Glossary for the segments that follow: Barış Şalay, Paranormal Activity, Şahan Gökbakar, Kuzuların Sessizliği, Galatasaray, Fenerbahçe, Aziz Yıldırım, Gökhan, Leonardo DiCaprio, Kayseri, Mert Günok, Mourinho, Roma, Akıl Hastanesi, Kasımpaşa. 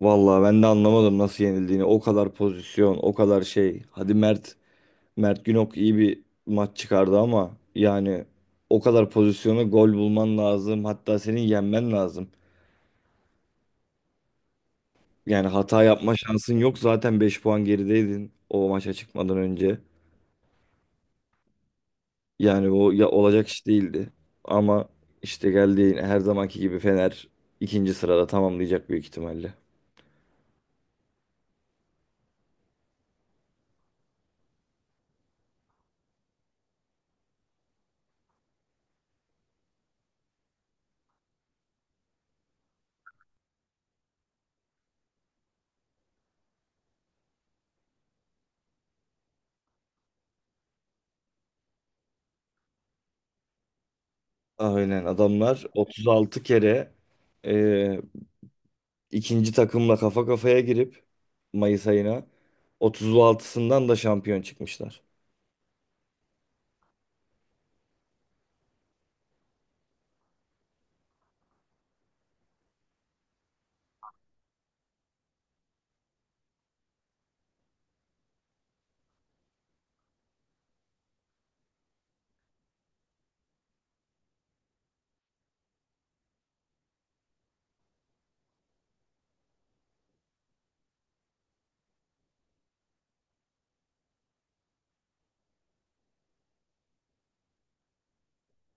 Vallahi ben de anlamadım nasıl yenildiğini. O kadar pozisyon, o kadar şey. Hadi Mert Günok iyi bir maç çıkardı, ama yani o kadar pozisyonu gol bulman lazım. Hatta senin yenmen lazım. Yani hata yapma şansın yok. Zaten 5 puan gerideydin o maça çıkmadan önce. Yani o ya olacak iş değildi. Ama işte geldi yine her zamanki gibi Fener ikinci sırada tamamlayacak büyük ihtimalle. Aynen, adamlar 36 kere ikinci takımla kafa kafaya girip Mayıs ayına 36'sından da şampiyon çıkmışlar.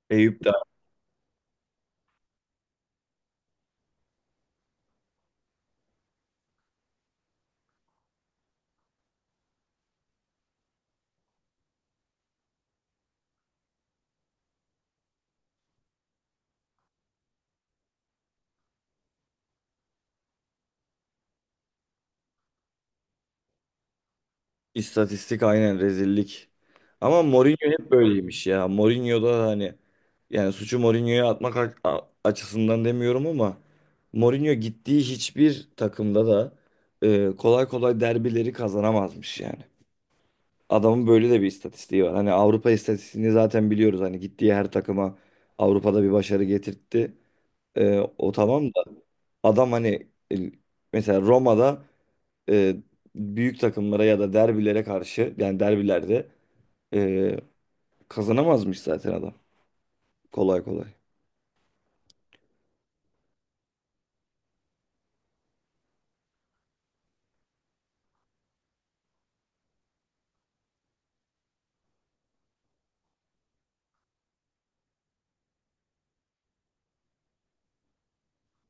Eyüp de. İstatistik aynen rezillik. Ama Mourinho hep böyleymiş ya. Mourinho da hani yani suçu Mourinho'ya atmak açısından demiyorum, ama Mourinho gittiği hiçbir takımda da kolay kolay derbileri kazanamazmış yani. Adamın böyle de bir istatistiği var. Hani Avrupa istatistiğini zaten biliyoruz. Hani gittiği her takıma Avrupa'da bir başarı getirtti. E, o tamam da. Adam hani mesela Roma'da, e, büyük takımlara ya da derbilere karşı, yani derbilerde e, kazanamazmış zaten adam. Kolay kolay.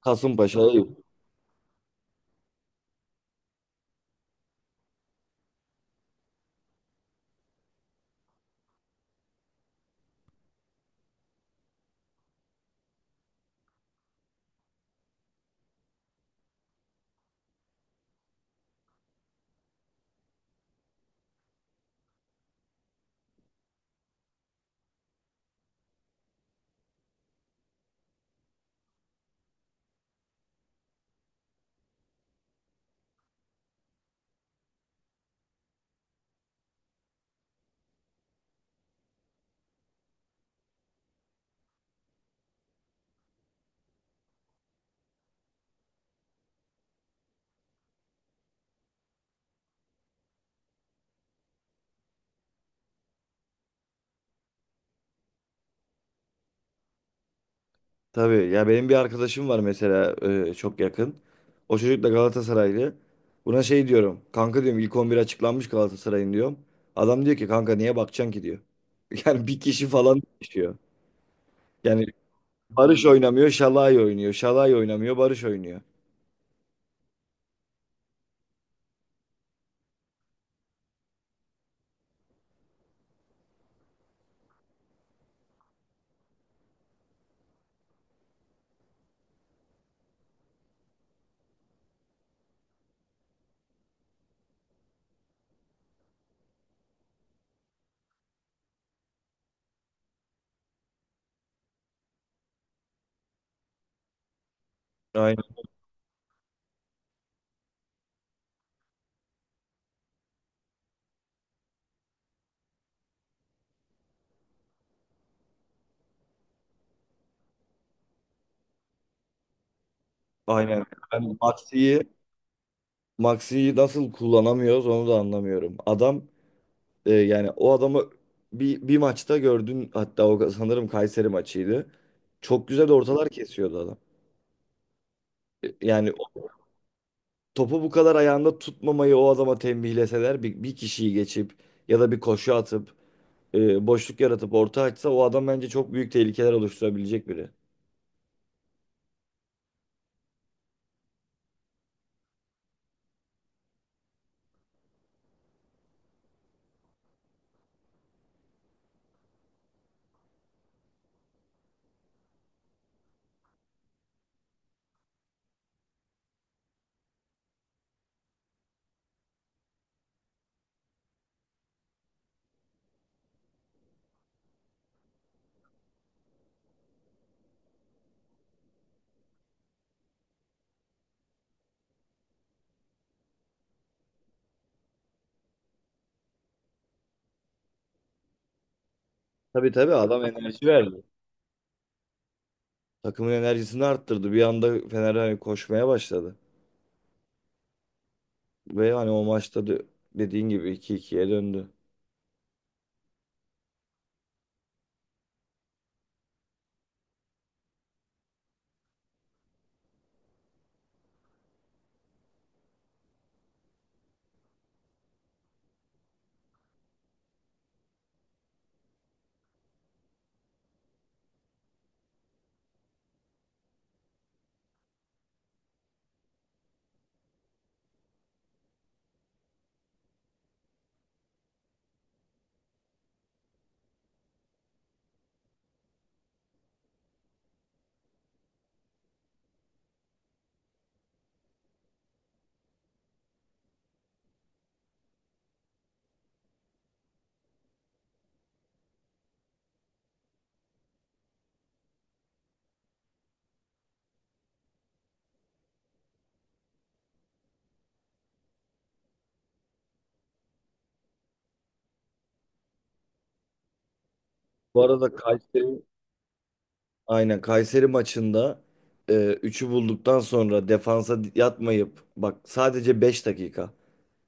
Kasımpaşa'yı. Tabii ya, benim bir arkadaşım var mesela, çok yakın. O çocuk da Galatasaraylı. Buna şey diyorum. Kanka diyorum, ilk 11 açıklanmış Galatasaray'ın diyorum. Adam diyor ki kanka niye bakacaksın ki diyor. Yani bir kişi falan düşüyor. Yani Barış oynamıyor, Şalay oynuyor. Şalay oynamıyor, Barış oynuyor. Aynen, aynen. Yani Maxi'yi nasıl kullanamıyoruz onu da anlamıyorum. Adam yani o adamı bir maçta gördün, hatta o sanırım Kayseri maçıydı. Çok güzel ortalar kesiyordu adam. Yani o topu bu kadar ayağında tutmamayı o adama tembihleseler bir kişiyi geçip ya da bir koşu atıp boşluk yaratıp orta açsa o adam bence çok büyük tehlikeler oluşturabilecek biri. Tabii tabii adam enerji verdi. Takımın enerjisini arttırdı. Bir anda Fener hani koşmaya başladı. Ve hani o maçta dediğin gibi 2-2'ye döndü. Bu arada Kayseri, aynen Kayseri maçında üçü bulduktan sonra defansa yatmayıp, bak sadece 5 dakika,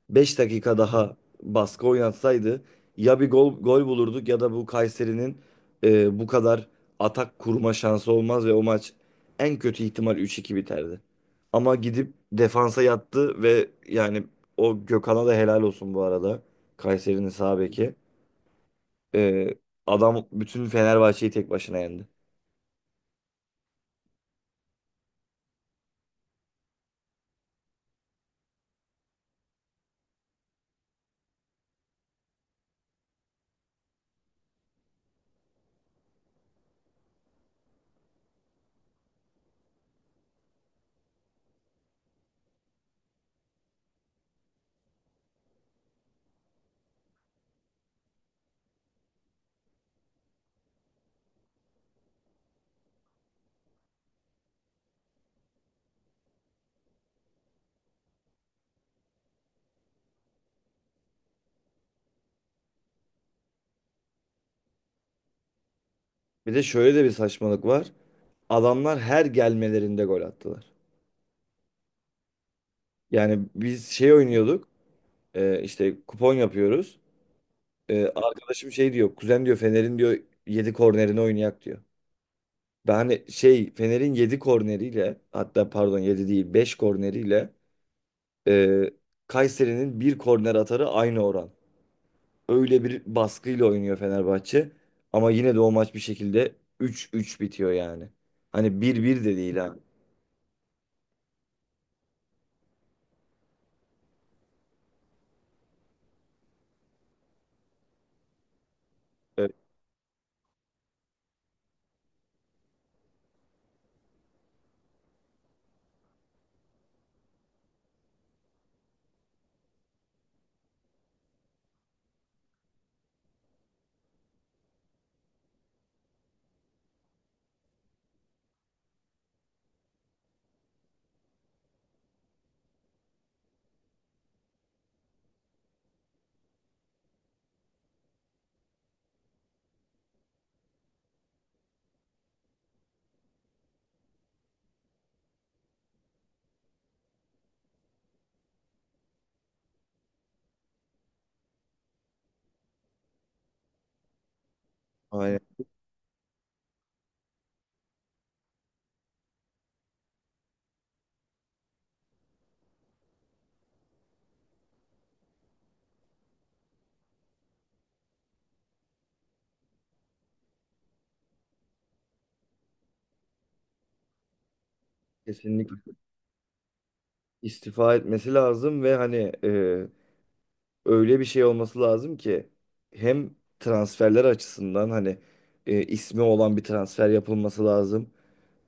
5 dakika daha baskı oynatsaydı ya bir gol, bulurduk, ya da bu Kayseri'nin bu kadar atak kurma şansı olmaz ve o maç en kötü ihtimal 3-2 biterdi. Ama gidip defansa yattı ve yani o Gökhan'a da helal olsun bu arada. Kayseri'nin sağ beki. E, adam bütün Fenerbahçe'yi tek başına yendi. Bir de şöyle de bir saçmalık var. Adamlar her gelmelerinde gol attılar. Yani biz şey oynuyorduk, işte kupon yapıyoruz. Arkadaşım şey diyor. Kuzen diyor Fener'in diyor 7 kornerini oynayak diyor. Ben hani şey Fener'in 7 korneriyle, hatta pardon 7 değil 5 korneriyle e, Kayseri'nin bir korner atarı aynı oran. Öyle bir baskıyla oynuyor Fenerbahçe. Ama yine de o maç bir şekilde 3-3 bitiyor yani. Hani 1-1 de değil, ha. Evet, aynen. Kesinlikle istifa etmesi lazım, ve hani e, öyle bir şey olması lazım ki, hem transferler açısından hani ismi olan bir transfer yapılması lazım.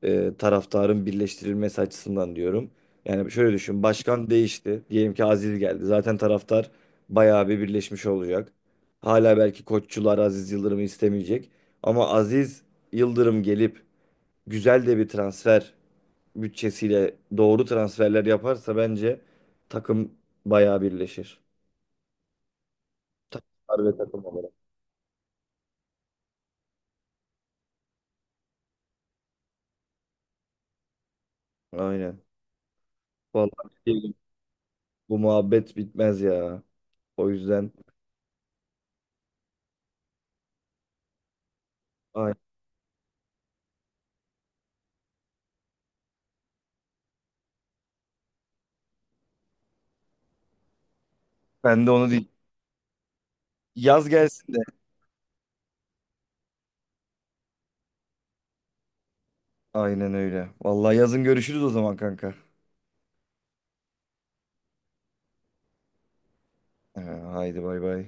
E, taraftarın birleştirilmesi açısından diyorum. Yani şöyle düşün, başkan değişti. Diyelim ki Aziz geldi. Zaten taraftar bayağı bir birleşmiş olacak. Hala belki koççular Aziz Yıldırım'ı istemeyecek. Ama Aziz Yıldırım gelip güzel de bir transfer bütçesiyle doğru transferler yaparsa bence takım bayağı birleşir. Taraftar ve takım olarak. Aynen. Vallahi bilmiyorum. Bu muhabbet bitmez ya. O yüzden aynen. Ben de onu değil. Yaz gelsin de. Aynen öyle. Vallahi yazın görüşürüz o zaman, kanka. Haydi bay bay.